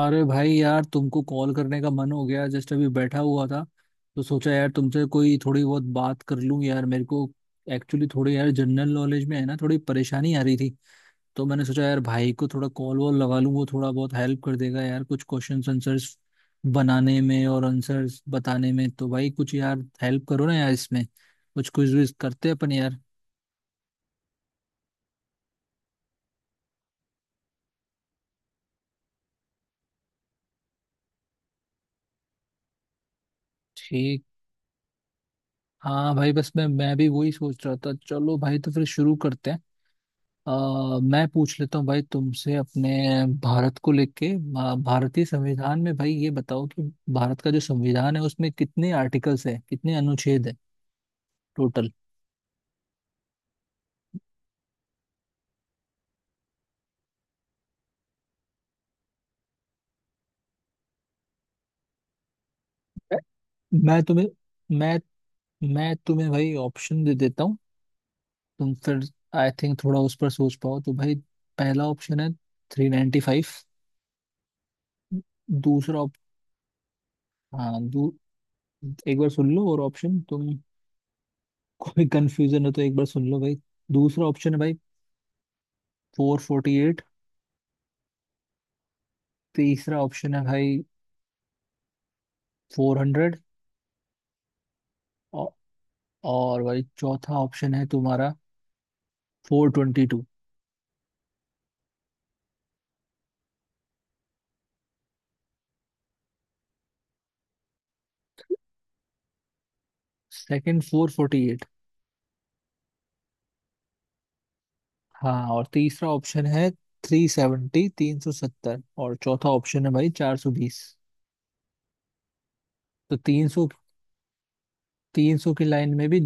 अरे भाई यार तुमको कॉल करने का मन हो गया जस्ट अभी बैठा हुआ था। तो सोचा यार तुमसे कोई थोड़ी बहुत बात कर लूं। यार मेरे को एक्चुअली थोड़ी यार जनरल नॉलेज में है ना थोड़ी परेशानी आ रही थी। तो मैंने सोचा यार भाई को थोड़ा कॉल वॉल लगा लूं वो थोड़ा बहुत हेल्प कर देगा यार कुछ क्वेश्चंस आंसर्स बनाने में और आंसर्स बताने में। तो भाई कुछ यार हेल्प करो ना यार, इसमें कुछ क्विज विज करते हैं अपन यार। ठीक। हाँ भाई बस मैं भी वही सोच रहा था। चलो भाई तो फिर शुरू करते हैं। अ, मैं पूछ लेता हूँ भाई तुमसे अपने भारत को लेके भारतीय संविधान में भाई ये बताओ कि भारत का जो संविधान है उसमें कितने आर्टिकल्स हैं कितने अनुच्छेद हैं टोटल। मैं तुम्हें मैं मैं तुम्हें भाई ऑप्शन दे देता हूँ। तुम फिर आई थिंक थोड़ा उस पर सोच पाओ तो भाई पहला ऑप्शन है थ्री नाइन्टी फाइव। दूसरा ऑप हाँ एक बार सुन लो और ऑप्शन तुम कोई कंफ्यूजन हो तो एक बार सुन लो भाई। दूसरा ऑप्शन है भाई फोर। तीसरा ऑप्शन है भाई फोर हंड्रेड। और भाई चौथा ऑप्शन है तुम्हारा four twenty two. Second four forty eight. हाँ, और तीसरा ऑप्शन है थ्री सेवेंटी तीन सौ सत्तर और चौथा ऑप्शन है भाई चार सौ बीस। तो तीन सौ, तीन सौ की लाइन में भी,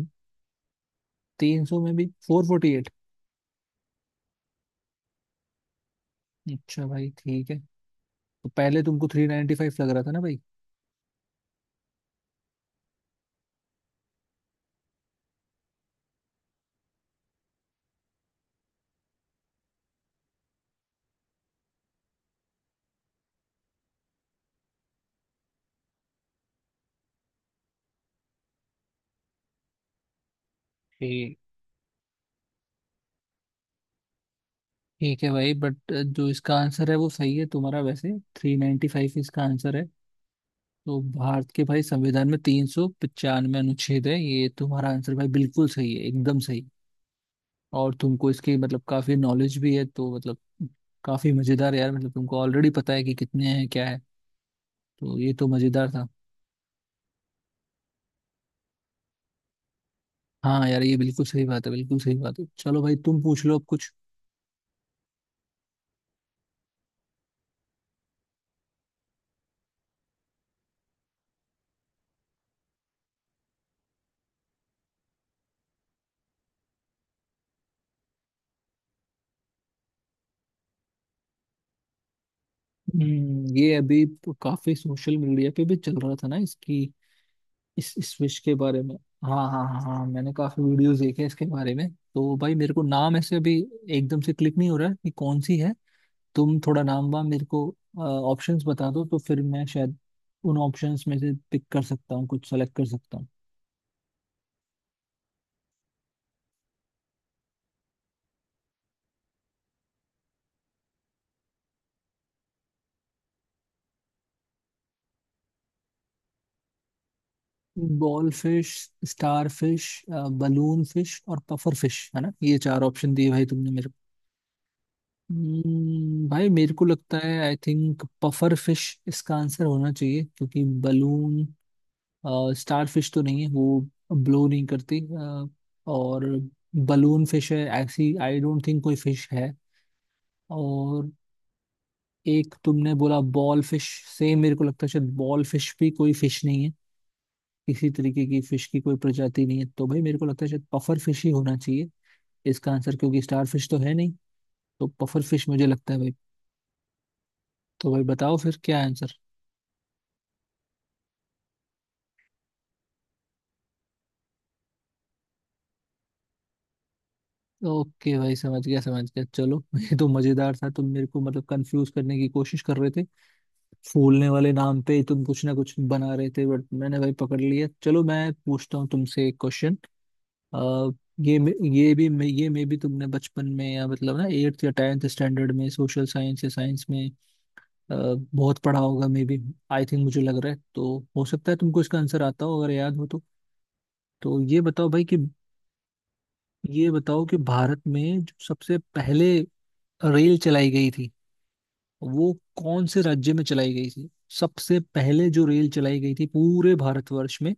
तीन सौ में भी फोर फोर्टी एट। अच्छा भाई ठीक है। तो पहले तुमको थ्री नाइन्टी फाइव लग रहा था ना भाई? ठीक। ठीक है भाई, बट जो इसका आंसर है वो सही है तुम्हारा। वैसे थ्री नाइन्टी फाइव इसका आंसर है। तो भारत के भाई संविधान में तीन सौ पचानवे अनुच्छेद है। ये तुम्हारा आंसर भाई बिल्कुल सही है, एकदम सही। और तुमको इसकी मतलब काफी नॉलेज भी है तो मतलब काफी मजेदार यार। मतलब तुमको ऑलरेडी पता है कि कितने हैं क्या है। तो ये तो मजेदार था। हाँ यार ये बिल्कुल सही बात है, बिल्कुल सही बात है। चलो भाई तुम पूछ लो अब कुछ। ये अभी तो काफी सोशल मीडिया पे भी चल रहा था ना इसकी इस विश के बारे में। हाँ हाँ हाँ हाँ, मैंने काफी वीडियोस देखे हैं इसके बारे में। तो भाई मेरे को नाम ऐसे अभी एकदम से क्लिक नहीं हो रहा है कि कौन सी है। तुम थोड़ा नाम वाम मेरे को ऑप्शंस बता दो तो फिर मैं शायद उन ऑप्शंस में से पिक कर सकता हूँ, कुछ सेलेक्ट कर सकता हूँ। Ball fish, star fish, balloon fish और पफर फिश, है ना? ये चार ऑप्शन दिए भाई तुमने मेरे को। भाई मेरे को लगता है आई थिंक पफर फिश इसका आंसर होना चाहिए। क्योंकि बलून स्टार फिश तो नहीं है, वो ब्लो नहीं करती। और बलून फिश है ऐसी आई डोंट थिंक कोई फिश है। और एक तुमने बोला बॉल फिश, सेम मेरे को लगता है शायद बॉल फिश भी कोई फिश नहीं है। किसी तरीके की फिश की कोई प्रजाति नहीं है। तो भाई मेरे को लगता है शायद पफर फिश ही होना चाहिए इसका आंसर। क्योंकि स्टार फिश तो है नहीं तो पफर फिश मुझे लगता है भाई। तो भाई बताओ फिर क्या आंसर। ओके भाई समझ गया समझ गया। चलो ये तो मजेदार था। तुम मेरे को मतलब कंफ्यूज करने की कोशिश कर रहे थे। फूलने वाले नाम पे ही तुम कुछ ना कुछ बना रहे थे, बट मैंने भाई पकड़ लिया। चलो मैं पूछता हूँ तुमसे एक क्वेश्चन। ये मे- ये भी मे- ये मे भी तुमने बचपन में या मतलब ना एट्थ या टेंथ स्टैंडर्ड में सोशल साइंस या साइंस में अ, बहुत पढ़ा होगा मे बी। आई थिंक मुझे लग रहा है तो हो सकता है तुमको इसका आंसर आता हो, अगर याद हो तो। तो ये बताओ भाई कि ये बताओ कि भारत में जो सबसे पहले रेल चलाई गई थी वो कौन से राज्य में चलाई गई थी। सबसे पहले जो रेल चलाई गई थी पूरे भारतवर्ष में,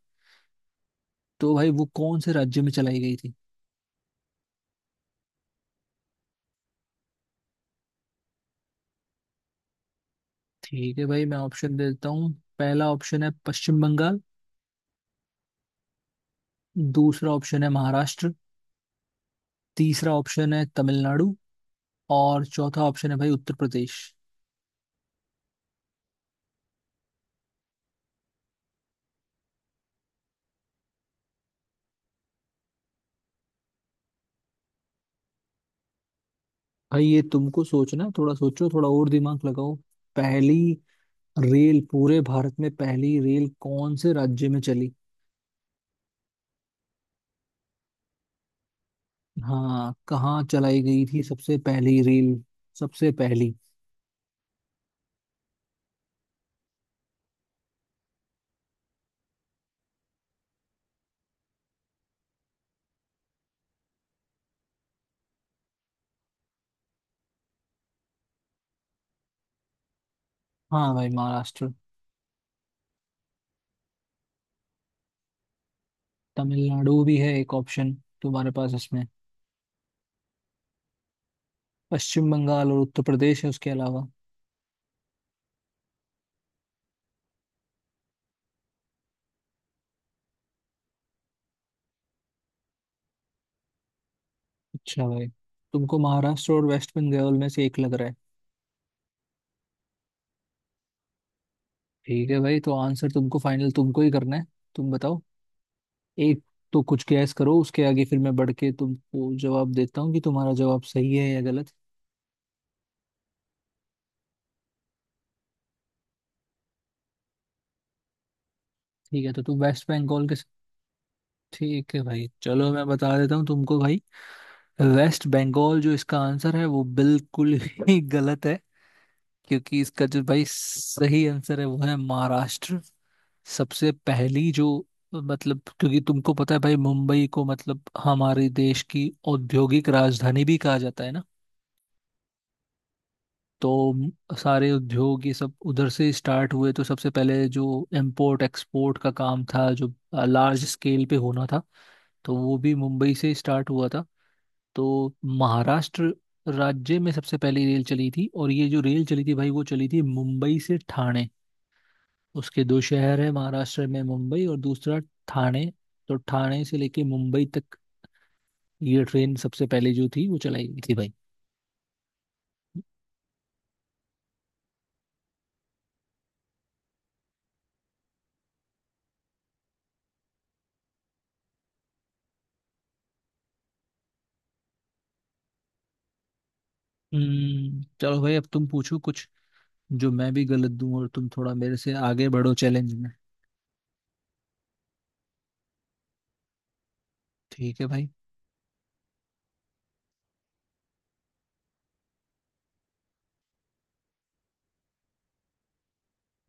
तो भाई वो कौन से राज्य में चलाई गई थी? ठीक है भाई मैं ऑप्शन दे देता हूँ। पहला ऑप्शन है पश्चिम बंगाल। दूसरा ऑप्शन है महाराष्ट्र। तीसरा ऑप्शन है तमिलनाडु। और चौथा ऑप्शन है भाई उत्तर प्रदेश। भाई ये तुमको सोचना है, थोड़ा सोचो थोड़ा और दिमाग लगाओ। पहली रेल, पूरे भारत में पहली रेल कौन से राज्य में चली? हाँ कहाँ चलाई गई थी सबसे पहली रील, सबसे पहली। हाँ भाई महाराष्ट्र, तमिलनाडु भी है एक ऑप्शन तुम्हारे पास इसमें। पश्चिम बंगाल और उत्तर प्रदेश है उसके अलावा। अच्छा भाई, तुमको महाराष्ट्र और वेस्ट बंगाल में से एक लग रहा है। ठीक है भाई तो आंसर तुमको फाइनल तुमको ही करना है। तुम बताओ एक, तो कुछ गैस करो उसके आगे फिर मैं बढ़ के तुमको जवाब देता हूँ कि तुम्हारा जवाब सही है या गलत। ठीक है तो तुम वेस्ट बंगाल के। ठीक है भाई चलो मैं बता देता हूँ तुमको भाई। वेस्ट बंगाल जो इसका आंसर है वो बिल्कुल ही गलत है। क्योंकि इसका जो भाई सही आंसर है वो है महाराष्ट्र। सबसे पहली जो मतलब, क्योंकि तुमको पता है भाई मुंबई को मतलब हमारे देश की औद्योगिक राजधानी भी कहा जाता है ना। तो सारे उद्योग ये सब उधर से स्टार्ट हुए। तो सबसे पहले जो इम्पोर्ट एक्सपोर्ट का काम था जो लार्ज स्केल पे होना था तो वो भी मुंबई से स्टार्ट हुआ था। तो महाराष्ट्र राज्य में सबसे पहली रेल चली थी। और ये जो रेल चली थी भाई वो चली थी मुंबई से ठाणे। उसके दो शहर है महाराष्ट्र में, मुंबई और दूसरा ठाणे। तो ठाणे से लेके मुंबई तक ये ट्रेन सबसे पहले जो थी वो चलाई गई थी भाई। चलो भाई अब तुम पूछो कुछ, जो मैं भी गलत दूं और तुम थोड़ा मेरे से आगे बढ़ो चैलेंज में। ठीक है भाई।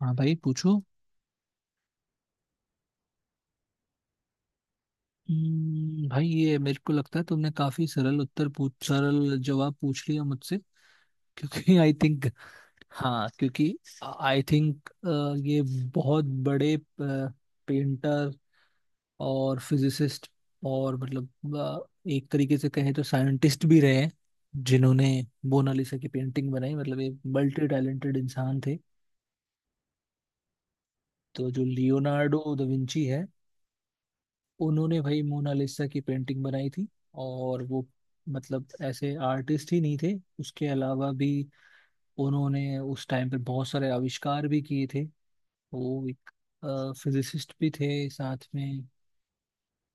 हाँ भाई पूछो। भाई ये मेरे को लगता है तुमने काफी सरल उत्तर पूछ, सरल जवाब पूछ लिया मुझसे। क्योंकि आई थिंक, हाँ क्योंकि आई थिंक ये बहुत बड़े पेंटर और फिजिसिस्ट और मतलब एक तरीके से कहें तो साइंटिस्ट भी रहे हैं, जिन्होंने मोनालिसा की पेंटिंग बनाई। मतलब ये मल्टी टैलेंटेड इंसान थे। तो जो लियोनार्डो दा विंची है, उन्होंने भाई मोनालिसा की पेंटिंग बनाई थी। और वो मतलब ऐसे आर्टिस्ट ही नहीं थे। उसके अलावा भी उन्होंने उस टाइम पे बहुत सारे आविष्कार भी किए थे। वो एक फिजिसिस्ट भी थे साथ में,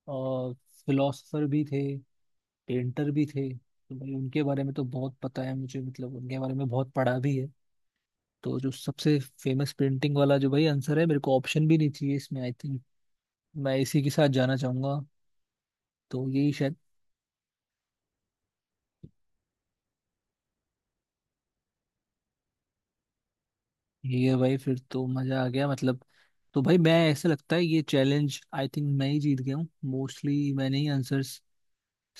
और फिलोसफर भी थे, पेंटर भी थे। तो भाई उनके बारे में तो बहुत पता है मुझे, मतलब उनके बारे में बहुत पढ़ा भी है। तो जो सबसे फेमस पेंटिंग वाला जो भाई आंसर है, मेरे को ऑप्शन भी नहीं चाहिए इसमें आई थिंक, मैं इसी के साथ जाना चाहूंगा। तो यही शायद ये है भाई। फिर तो मजा आ गया मतलब। तो भाई मैं ऐसा लगता है ये चैलेंज आई थिंक मैं ही जीत गया हूँ। मोस्टली मैंने ही आंसर्स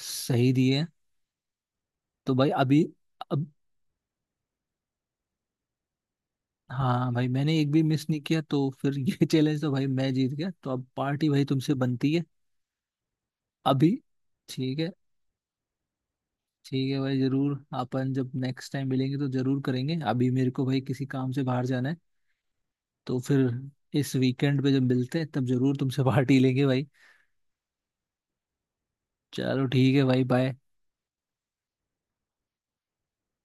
सही दिए हैं। तो भाई अभी, अब हाँ भाई मैंने एक भी मिस नहीं किया तो फिर ये चैलेंज तो भाई मैं जीत गया। तो अब पार्टी भाई तुमसे बनती है अभी। ठीक है। ठीक है भाई जरूर, अपन जब नेक्स्ट टाइम मिलेंगे तो जरूर करेंगे। अभी मेरे को भाई किसी काम से बाहर जाना है, तो फिर इस वीकेंड पे जब मिलते हैं तब जरूर तुमसे पार्टी लेंगे भाई। चलो ठीक है भाई बाय।